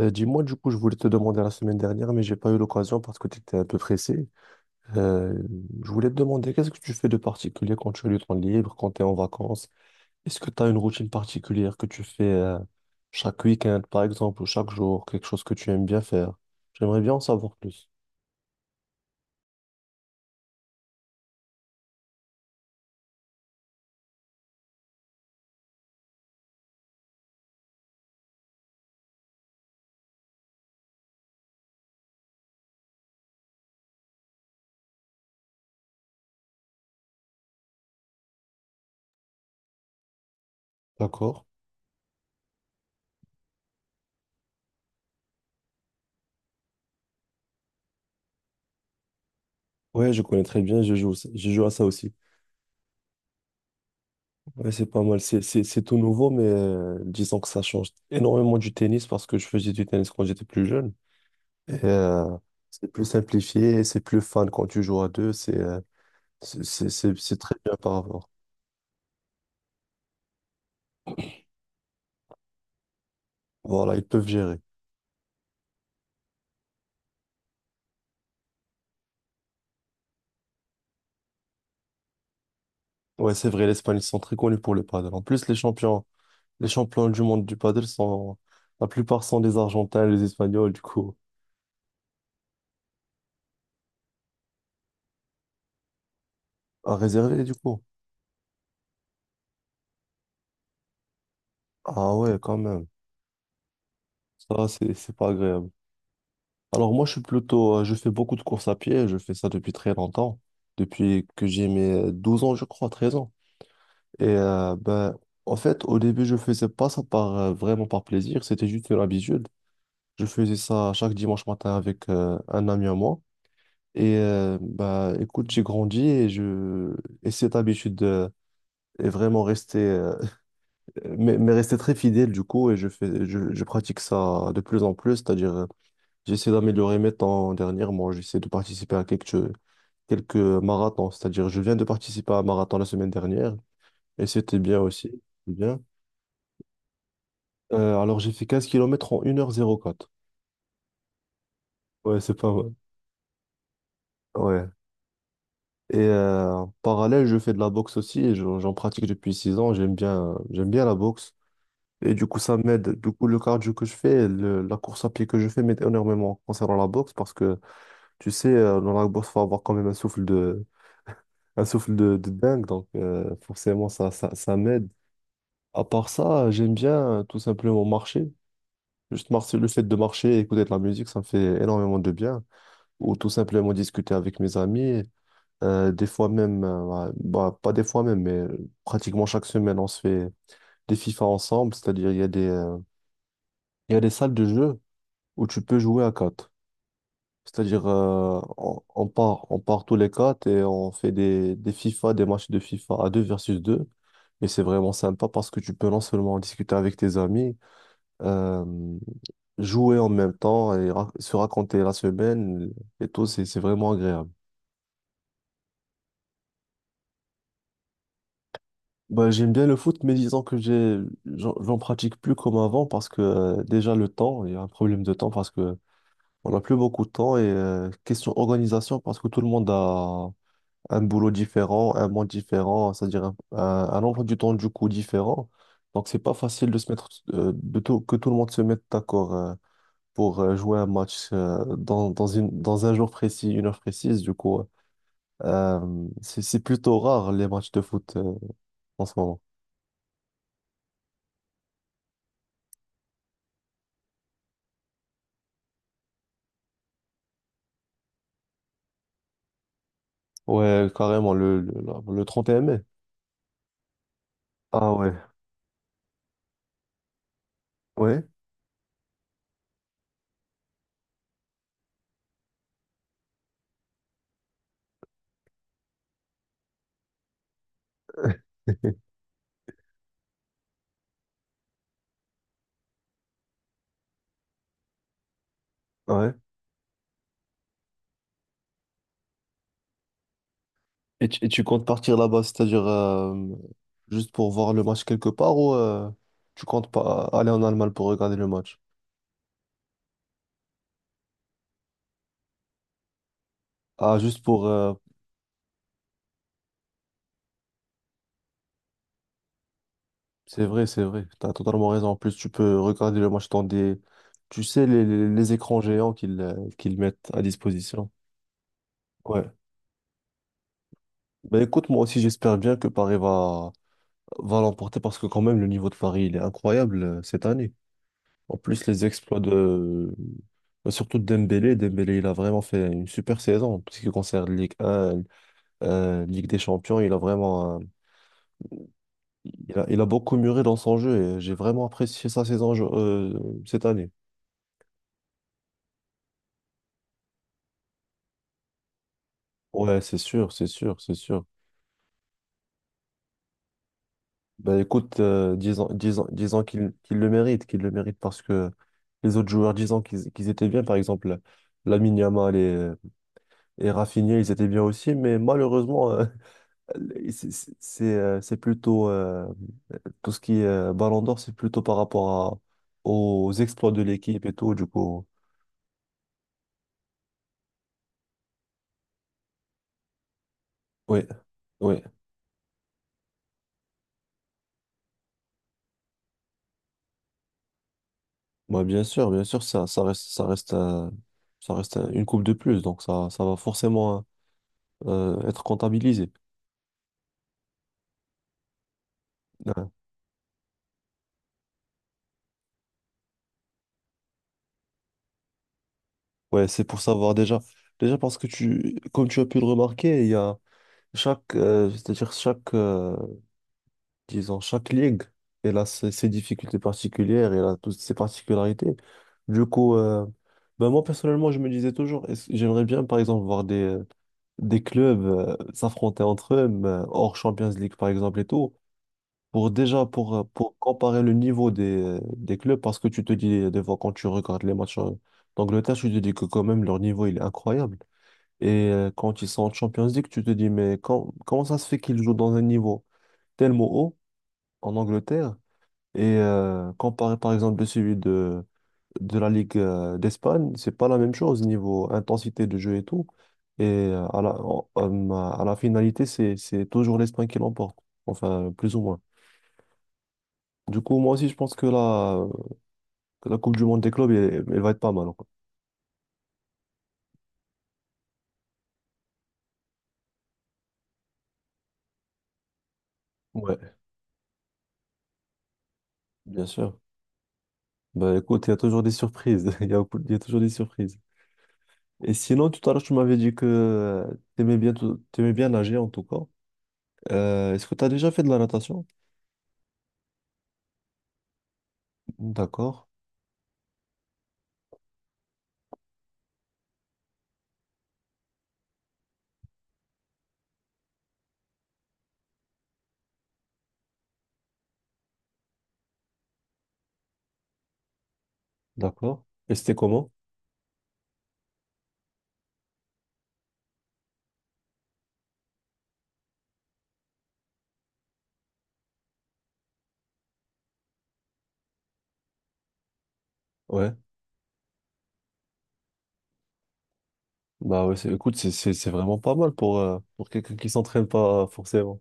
Dis-moi, du coup, je voulais te demander la semaine dernière, mais j'ai pas eu l'occasion parce que tu étais un peu pressé. Euh, je voulais te demander, qu'est-ce que tu fais de particulier quand tu as du temps libre, quand tu es en vacances? Est-ce que tu as une routine particulière que tu fais chaque week-end, par exemple, ou chaque jour, quelque chose que tu aimes bien faire? J'aimerais bien en savoir plus. D'accord? Ouais, je connais très bien, je joue, je joue à ça aussi. Ouais, c'est pas mal, c'est tout nouveau, mais disons que ça change énormément du tennis parce que je faisais du tennis quand j'étais plus jeune. Et, euh, c'est plus simplifié, et c'est plus fun quand tu joues à deux, c'est très bien par rapport. Voilà, ils peuvent gérer. Ouais, c'est vrai, l'Espagne, ils sont très connus pour le paddle. En plus, les champions du monde du paddle sont, la plupart sont des Argentins, les Espagnols, du coup, à réserver, du coup. Ah ouais, quand même. Ça, c'est pas agréable. Alors moi, je suis plutôt, je fais beaucoup de courses à pied, je fais ça depuis très longtemps, depuis que j'ai mes 12 ans, je crois, 13 ans. Et en fait, au début, je faisais pas ça par, vraiment par plaisir, c'était juste une habitude. Je faisais ça chaque dimanche matin avec un ami à moi. Et écoute, j'ai grandi et, je... et cette habitude est vraiment restée, mais restée très fidèle du coup. Et je fais, je pratique ça de plus en plus, c'est-à-dire j'essaie d'améliorer mes temps dernièrement, j'essaie de participer à quelques, quelques marathons, c'est-à-dire je viens de participer à un marathon la semaine dernière et c'était bien aussi. Bien. Alors j'ai fait 15 kilomètres en une heure zéro 04. Ouais, c'est pas mal. Ouais. Et en parallèle, je fais de la boxe aussi et j'en pratique depuis 6 ans. J'aime bien la boxe. Et du coup, ça m'aide. Du coup, le cardio que je fais, la course à pied que je fais m'aide énormément concernant la boxe parce que, tu sais, dans la boxe, il faut avoir quand même un souffle de dingue. Donc, forcément, ça m'aide. À part ça, j'aime bien tout simplement marcher. Juste marcher, le fait de marcher et écouter de la musique, ça me fait énormément de bien. Ou tout simplement discuter avec mes amis. Des fois même, ouais, bah, pas des fois même, mais pratiquement chaque semaine, on se fait des FIFA ensemble. C'est-à-dire, il y a des salles de jeu où tu peux jouer à quatre. C'est-à-dire, on part tous les quatre et on fait des FIFA, des matchs de FIFA à deux versus deux. Et c'est vraiment sympa parce que tu peux non seulement discuter avec tes amis, euh, jouer en même temps et se raconter la semaine et tout, c'est vraiment agréable. Bah, j'aime bien le foot, mais disons que j'en pratique plus comme avant parce que déjà le temps, il y a un problème de temps parce que on n'a plus beaucoup de temps et question organisation parce que tout le monde a un boulot différent, un monde différent, c'est-à-dire un emploi du temps du coup différent. Donc c'est pas facile de se mettre, de tout, que tout le monde se mette d'accord pour jouer un match dans une, dans un jour précis, une heure précise. Du coup, euh, c'est plutôt rare les matchs de foot en ce moment. Ouais, carrément, le 31 mai. Ah ouais, ouais, ouais. Et tu comptes partir là-bas, c'est-à-dire juste pour voir le match quelque part ou tu comptes pas aller en Allemagne pour regarder le match? Ah, juste pour... c'est vrai, t'as totalement raison. En plus, tu peux regarder le match dans des... Tu sais, les écrans géants qu'ils qu'ils mettent à disposition. Ouais. Ben écoute, moi aussi, j'espère bien que Paris va l'emporter parce que quand même, le niveau de Paris, il est incroyable cette année. En plus, les exploits de... bah, surtout de Dembélé. Dembélé, il a vraiment fait une super saison. En ce qui concerne Ligue 1, Ligue des Champions, il a vraiment... il a, il a beaucoup mûri dans son jeu et j'ai vraiment apprécié sa saison cette année. Ouais, c'est sûr, c'est sûr, c'est sûr. Bah écoute, disons qu'il le mérite, qu'il le mérite parce que les autres joueurs, disons qu'ils étaient bien, par exemple, Lamine Yamal et Rafinha, ils étaient bien aussi, mais malheureusement, c'est plutôt tout ce qui est Ballon d'Or, c'est plutôt aux exploits de l'équipe et tout, du coup. Oui, oui. Moi, bien sûr, ça, ça reste un- une coupe de plus, donc ça va forcément être comptabilisé. Ouais, ouais, c'est pour savoir déjà, déjà parce que tu, comme tu as pu le remarquer, il y a c'est-à-dire chaque ligue, elle a ses difficultés particulières, elle a toutes ses particularités. Du coup, ben moi personnellement, je me disais toujours, j'aimerais bien, par exemple, voir des clubs s'affronter entre eux, mais, hors Champions League, par exemple, et tout, pour déjà, pour comparer le niveau des clubs, parce que tu te dis, des fois, quand tu regardes les matchs d'Angleterre, tu te dis que quand même, leur niveau, il est incroyable. Et quand ils sont en Champions League, tu te dis, mais comment ça se fait qu'ils jouent dans un niveau tellement haut en Angleterre? Et comparé par exemple de celui de la Ligue d'Espagne, c'est pas la même chose niveau intensité de jeu et tout. Et à la finalité, c'est toujours l'Espagne qui l'emporte, enfin plus ou moins. Du coup, moi aussi, je pense que que la Coupe du Monde des clubs, elle va être pas mal, quoi. Ouais, bien sûr. Bah écoute, il y a toujours des surprises. Il y a toujours des surprises. Et sinon, tout à l'heure, tu m'avais dit que tu aimais bien, tout- t'aimais bien nager en tout cas. Est-ce que tu as déjà fait de la natation? D'accord. D'accord. Et c'était comment? Ouais. Bah ouais, écoute, c'est vraiment pas mal pour quelqu'un qui s'entraîne pas forcément.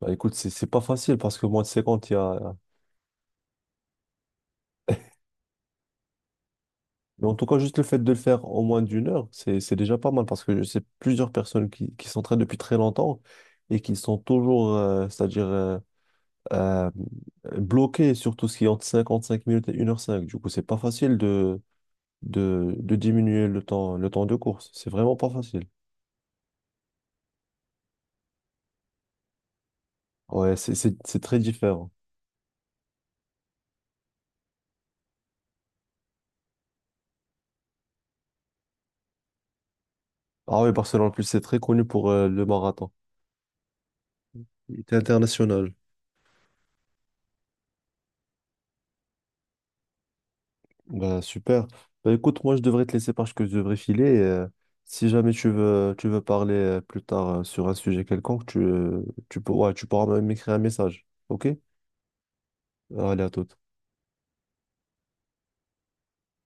Bah écoute, c'est pas facile parce que moins de 50, il y a... Mais en tout cas, juste le fait de le faire en moins d'une heure, c'est déjà pas mal parce que je sais plusieurs personnes qui s'entraînent depuis très longtemps et qui sont toujours, c'est-à-dire euh, bloqué sur tout ce qui est entre 55 minutes et 1h05. Du coup, c'est pas facile de, de diminuer le temps de course. C'est vraiment pas facile. Ouais, c'est très différent. Ah oui, Barcelone, en plus, c'est très connu pour le marathon. Il est international. Bah, super. Bah, écoute, moi, je devrais te laisser parce que je devrais filer. Et, si jamais tu veux, tu veux parler plus tard sur un sujet quelconque, tu peux, ouais, tu pourras m'écrire un message. OK? Allez, à tout.